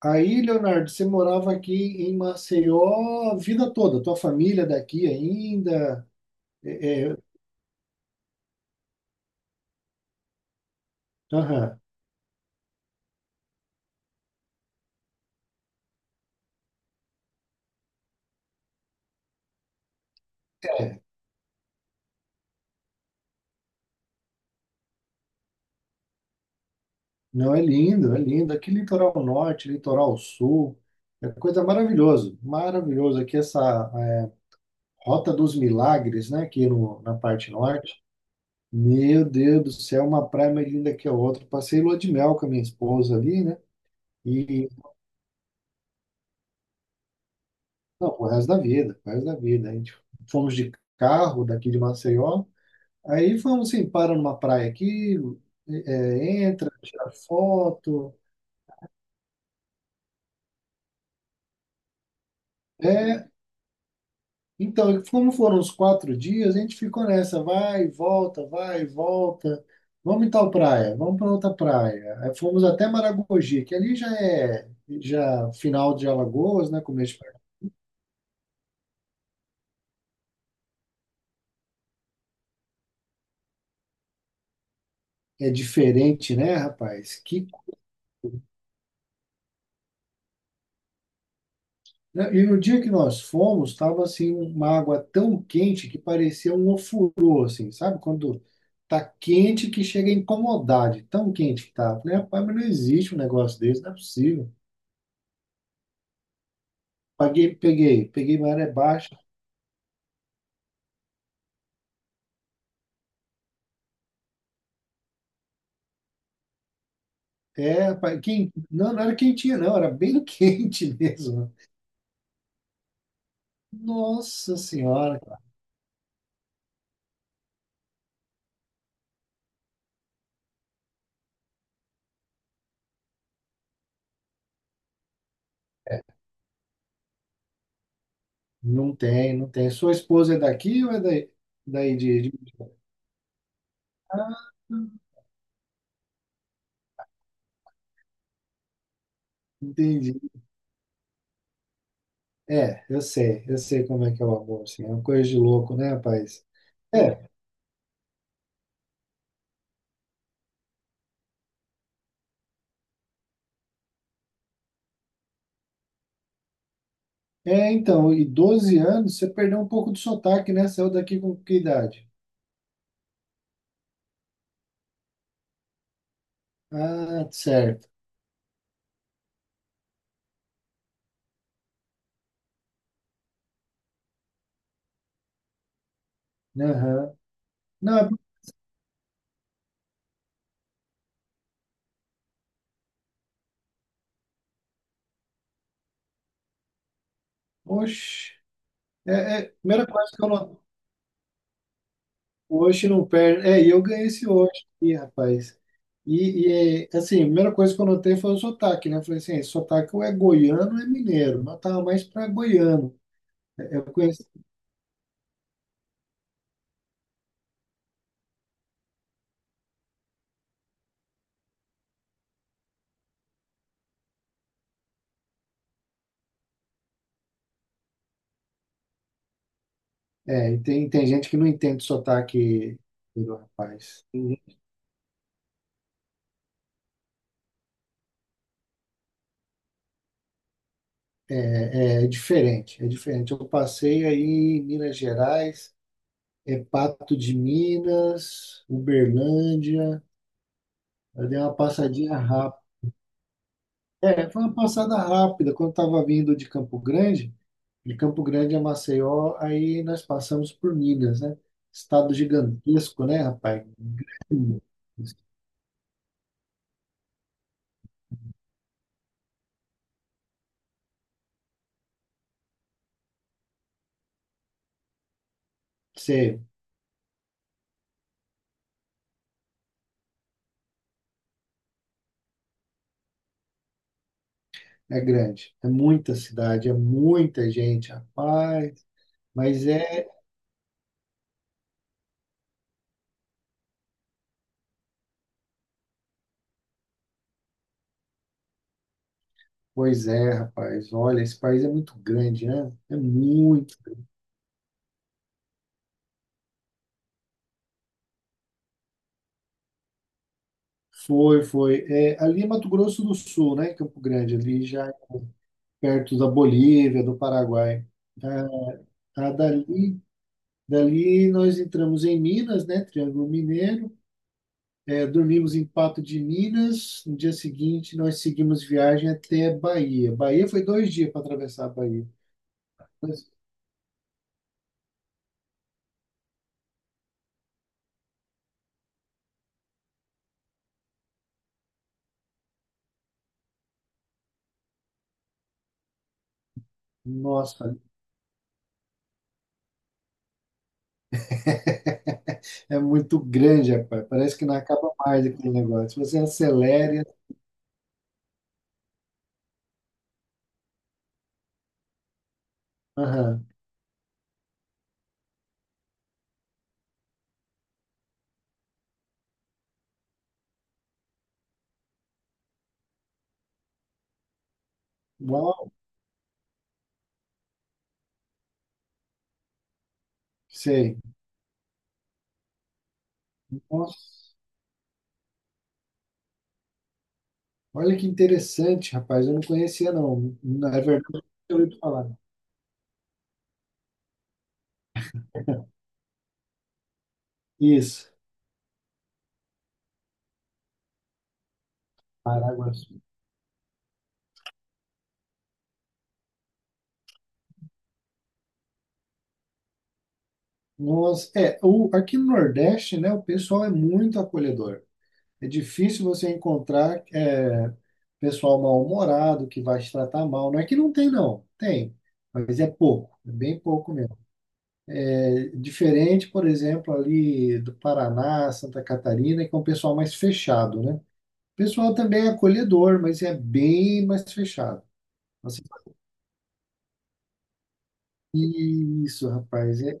Aí, Leonardo, você morava aqui em Maceió a vida toda, tua família daqui ainda. É, é, aham, é. Não, é lindo, é lindo. Aqui litoral norte, litoral sul, é coisa maravilhosa, maravilhoso. Aqui essa é, Rota dos Milagres, né, aqui no, na parte norte. Meu Deus do céu, uma praia mais linda que a outra. Passei lua de mel com a minha esposa ali, né? E, não, o resto da vida, o resto da vida. A gente fomos de carro daqui de Maceió. Aí fomos assim, para numa praia aqui, entra, tira foto. É, então, como foram os 4 dias, a gente ficou nessa, vai, volta, vai, volta. Vamos em tal praia, vamos para outra praia. Aí fomos até Maragogi, que ali já é já final de Alagoas, né? Começo de... É diferente, né, rapaz? Que né? E no dia que nós fomos, estava assim uma água tão quente que parecia um ofurô, assim, sabe? Quando tá quente que chega a incomodar, de tão quente que tá. Falei, rapaz, mas não existe um negócio desse, não é possível. Peguei maré baixa. É, rapaz, quem, não, não era quentinha, não, era bem quente mesmo. Nossa Senhora, cara. Não tem, não tem. Sua esposa é daqui ou é daí, daí de... Ah, entendi. É, eu sei como é que é o amor, assim, é uma coisa de louco, né, rapaz? É, é, então, e 12 anos, você perdeu um pouco do sotaque, né? Saiu daqui com que idade? Ah, certo. Aham. Não, oxe, a primeira coisa que eu não, hoje não perde, é, e eu ganhei esse hoje aqui, rapaz. E, assim, a primeira coisa que eu notei foi o sotaque, né? Eu falei assim, "Esse sotaque ou é goiano ou é mineiro, mas eu tava mais pra goiano." Eu conheci. É, e tem gente que não entende o sotaque do rapaz. Uhum. É, é diferente, é diferente. Eu passei aí em Minas Gerais, Pato de Minas, Uberlândia. Eu dei uma passadinha rápida. É, foi uma passada rápida. Quando estava vindo de Campo Grande, a Maceió, aí nós passamos por Minas, né? Estado gigantesco, né, rapaz? Sério, é grande. É muita cidade, é muita gente, rapaz. Mas é. Pois é, rapaz. Olha, esse país é muito grande, né? É muito. Foi, foi. É, ali é Mato Grosso do Sul, né? Campo Grande, ali já perto da Bolívia, do Paraguai. Ah, ah, dali nós entramos em Minas, né? Triângulo Mineiro. É, dormimos em Pato de Minas. No dia seguinte, nós seguimos viagem até Bahia. Bahia foi 2 dias para atravessar a Bahia. Mas, nossa, é muito grande, rapaz. Parece que não acaba mais aquele negócio. Você acelera. Aham. Uau, sei. Nossa, olha que interessante, rapaz. Eu não conhecia, não. Na verdade, eu nunca ouvi falar. Isso, Paraguaçu. Nossa, aqui no Nordeste, né, o pessoal é muito acolhedor. É difícil você encontrar pessoal mal-humorado que vai te tratar mal. Não é que não tem, não. Tem, mas é pouco, é bem pouco mesmo. É diferente, por exemplo, ali do Paraná, Santa Catarina, que é um pessoal mais fechado, né? O pessoal também é acolhedor, mas é bem mais fechado. Nossa, isso, rapaz. É...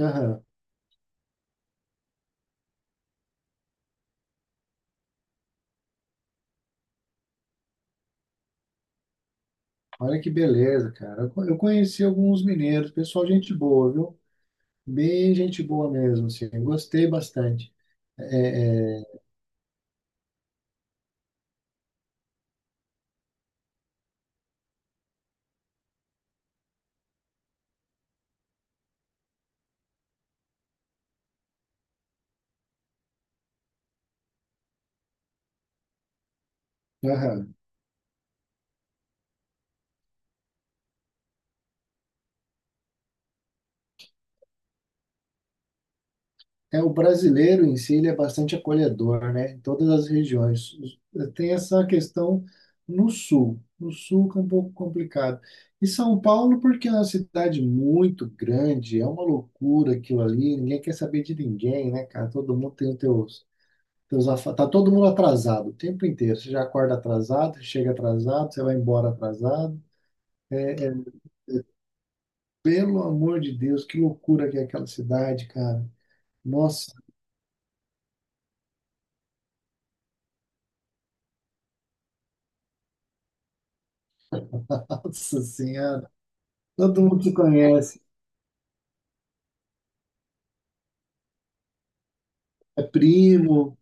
aham. Olha que beleza, cara. Eu conheci alguns mineiros, pessoal, gente boa, viu? Bem gente boa mesmo, assim. Gostei bastante. É, é, aham. É, o brasileiro em si, ele é bastante acolhedor, né? Em todas as regiões. Os-. Tem essa questão no sul. No sul que é um pouco complicado. E São Paulo, porque é uma cidade muito grande, é uma loucura aquilo ali, ninguém quer saber de ninguém, né, cara? Todo mundo tem os teus, teus afa- Tá todo mundo atrasado o tempo inteiro. Você já acorda atrasado, chega atrasado, você vai embora atrasado. É, é, pelo amor de Deus, que loucura que é aquela cidade, cara. Nossa, nossa senhora. Todo mundo se conhece. É primo.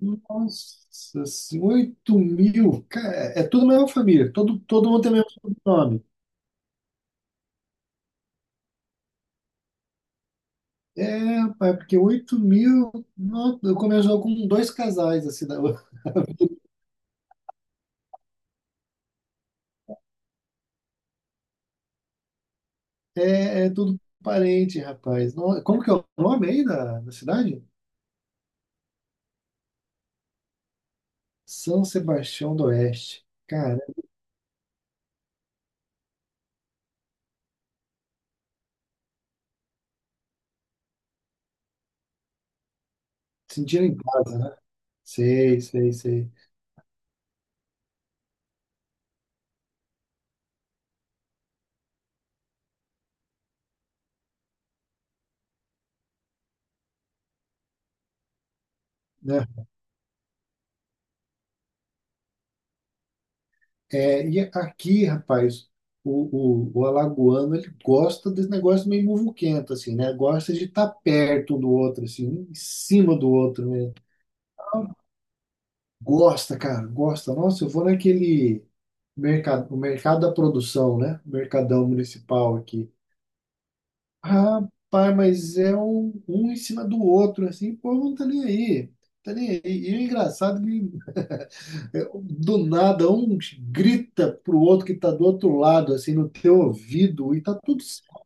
Nossa, assim, 8 mil. Cara, é tudo a mesma família. Todo mundo tem o mesmo sobrenome. É, rapaz, porque 8 mil. Nossa, eu começou com dois casais assim, da cidade. É, é tudo parente, rapaz. Como que é o nome aí da cidade? São Sebastião do Oeste. Cara, sentiram em casa, né? Sei, sei, sei. Né? É, e aqui, rapaz, o alagoano, ele gosta desse negócio meio muvuquento, assim, né? Gosta de estar perto um do outro, assim, um em cima do outro mesmo. Gosta, cara, gosta. Nossa, eu vou naquele mercado, o mercado da produção, né? Mercadão municipal aqui. Rapaz, mas é um em cima do outro, assim, pô, não tá nem aí. Tá nem aí. E o engraçado é que é, do nada, um grita pro outro que tá do outro lado, assim, no teu ouvido, e tá tudo certo.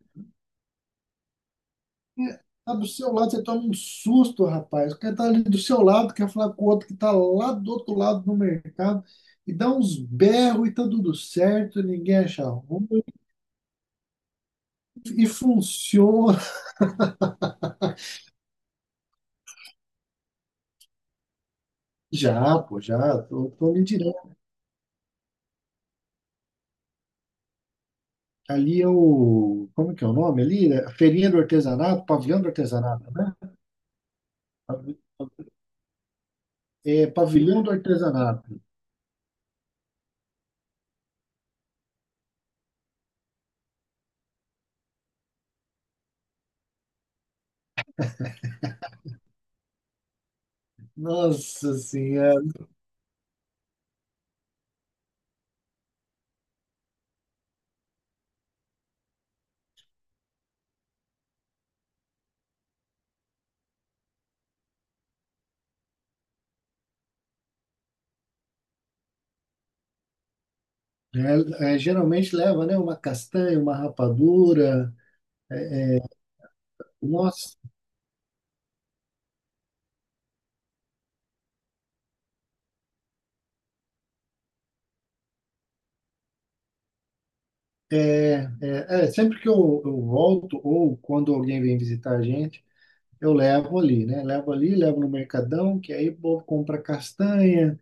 Tá do seu lado, você toma um susto, rapaz. O cara tá ali do seu lado, quer falar com o outro que tá lá do outro lado no mercado, e dá uns berros e tá tudo certo, ninguém acha ruim, e funciona. Já, pô, já, tô ali direto. Ali é o. Como que é o nome ali? É a Feirinha do Artesanato, Pavilhão do Artesanato, né? É, Pavilhão do Artesanato. Nossa senhora. É, é, geralmente leva, né? Uma castanha, uma rapadura. Nossa, sempre que eu volto ou quando alguém vem visitar a gente, eu levo ali, né? Levo ali, levo no mercadão, que aí o povo compra castanha,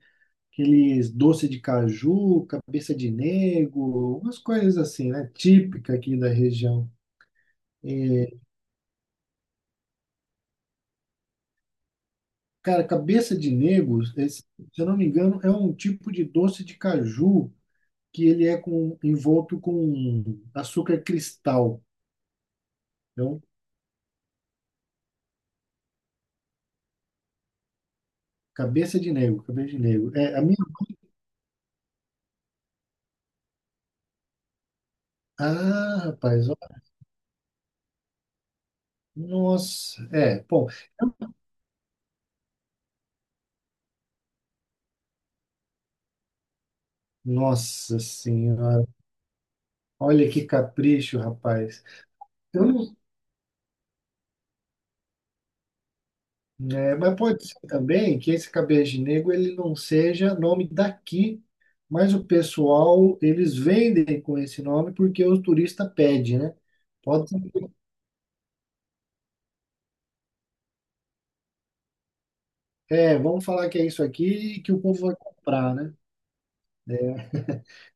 aqueles doce de caju, cabeça de nego, umas coisas assim, né? Típica aqui da região. É, cara, cabeça de nego, esse, se eu não me engano, é um tipo de doce de caju que ele é com, envolto com açúcar cristal. Então, cabeça de negro, cabeça de negro. É, a minha... Ah, rapaz, ó, nossa. É, bom, nossa senhora. Olha que capricho, rapaz. Eu não, né, mas pode ser também que esse cabeça de negro ele não seja nome daqui, mas o pessoal, eles vendem com esse nome porque o turista pede, né? Pode ser. É, vamos falar que é isso aqui que o povo vai comprar, né? É,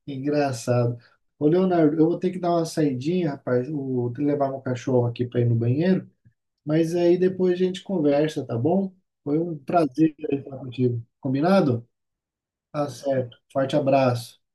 engraçado. Ô, Leonardo, eu vou ter que dar uma saidinha, rapaz, levar meu cachorro aqui para ir no banheiro, mas aí depois a gente conversa, tá bom? Foi um prazer falar contigo. Combinado? Tá certo. Forte abraço.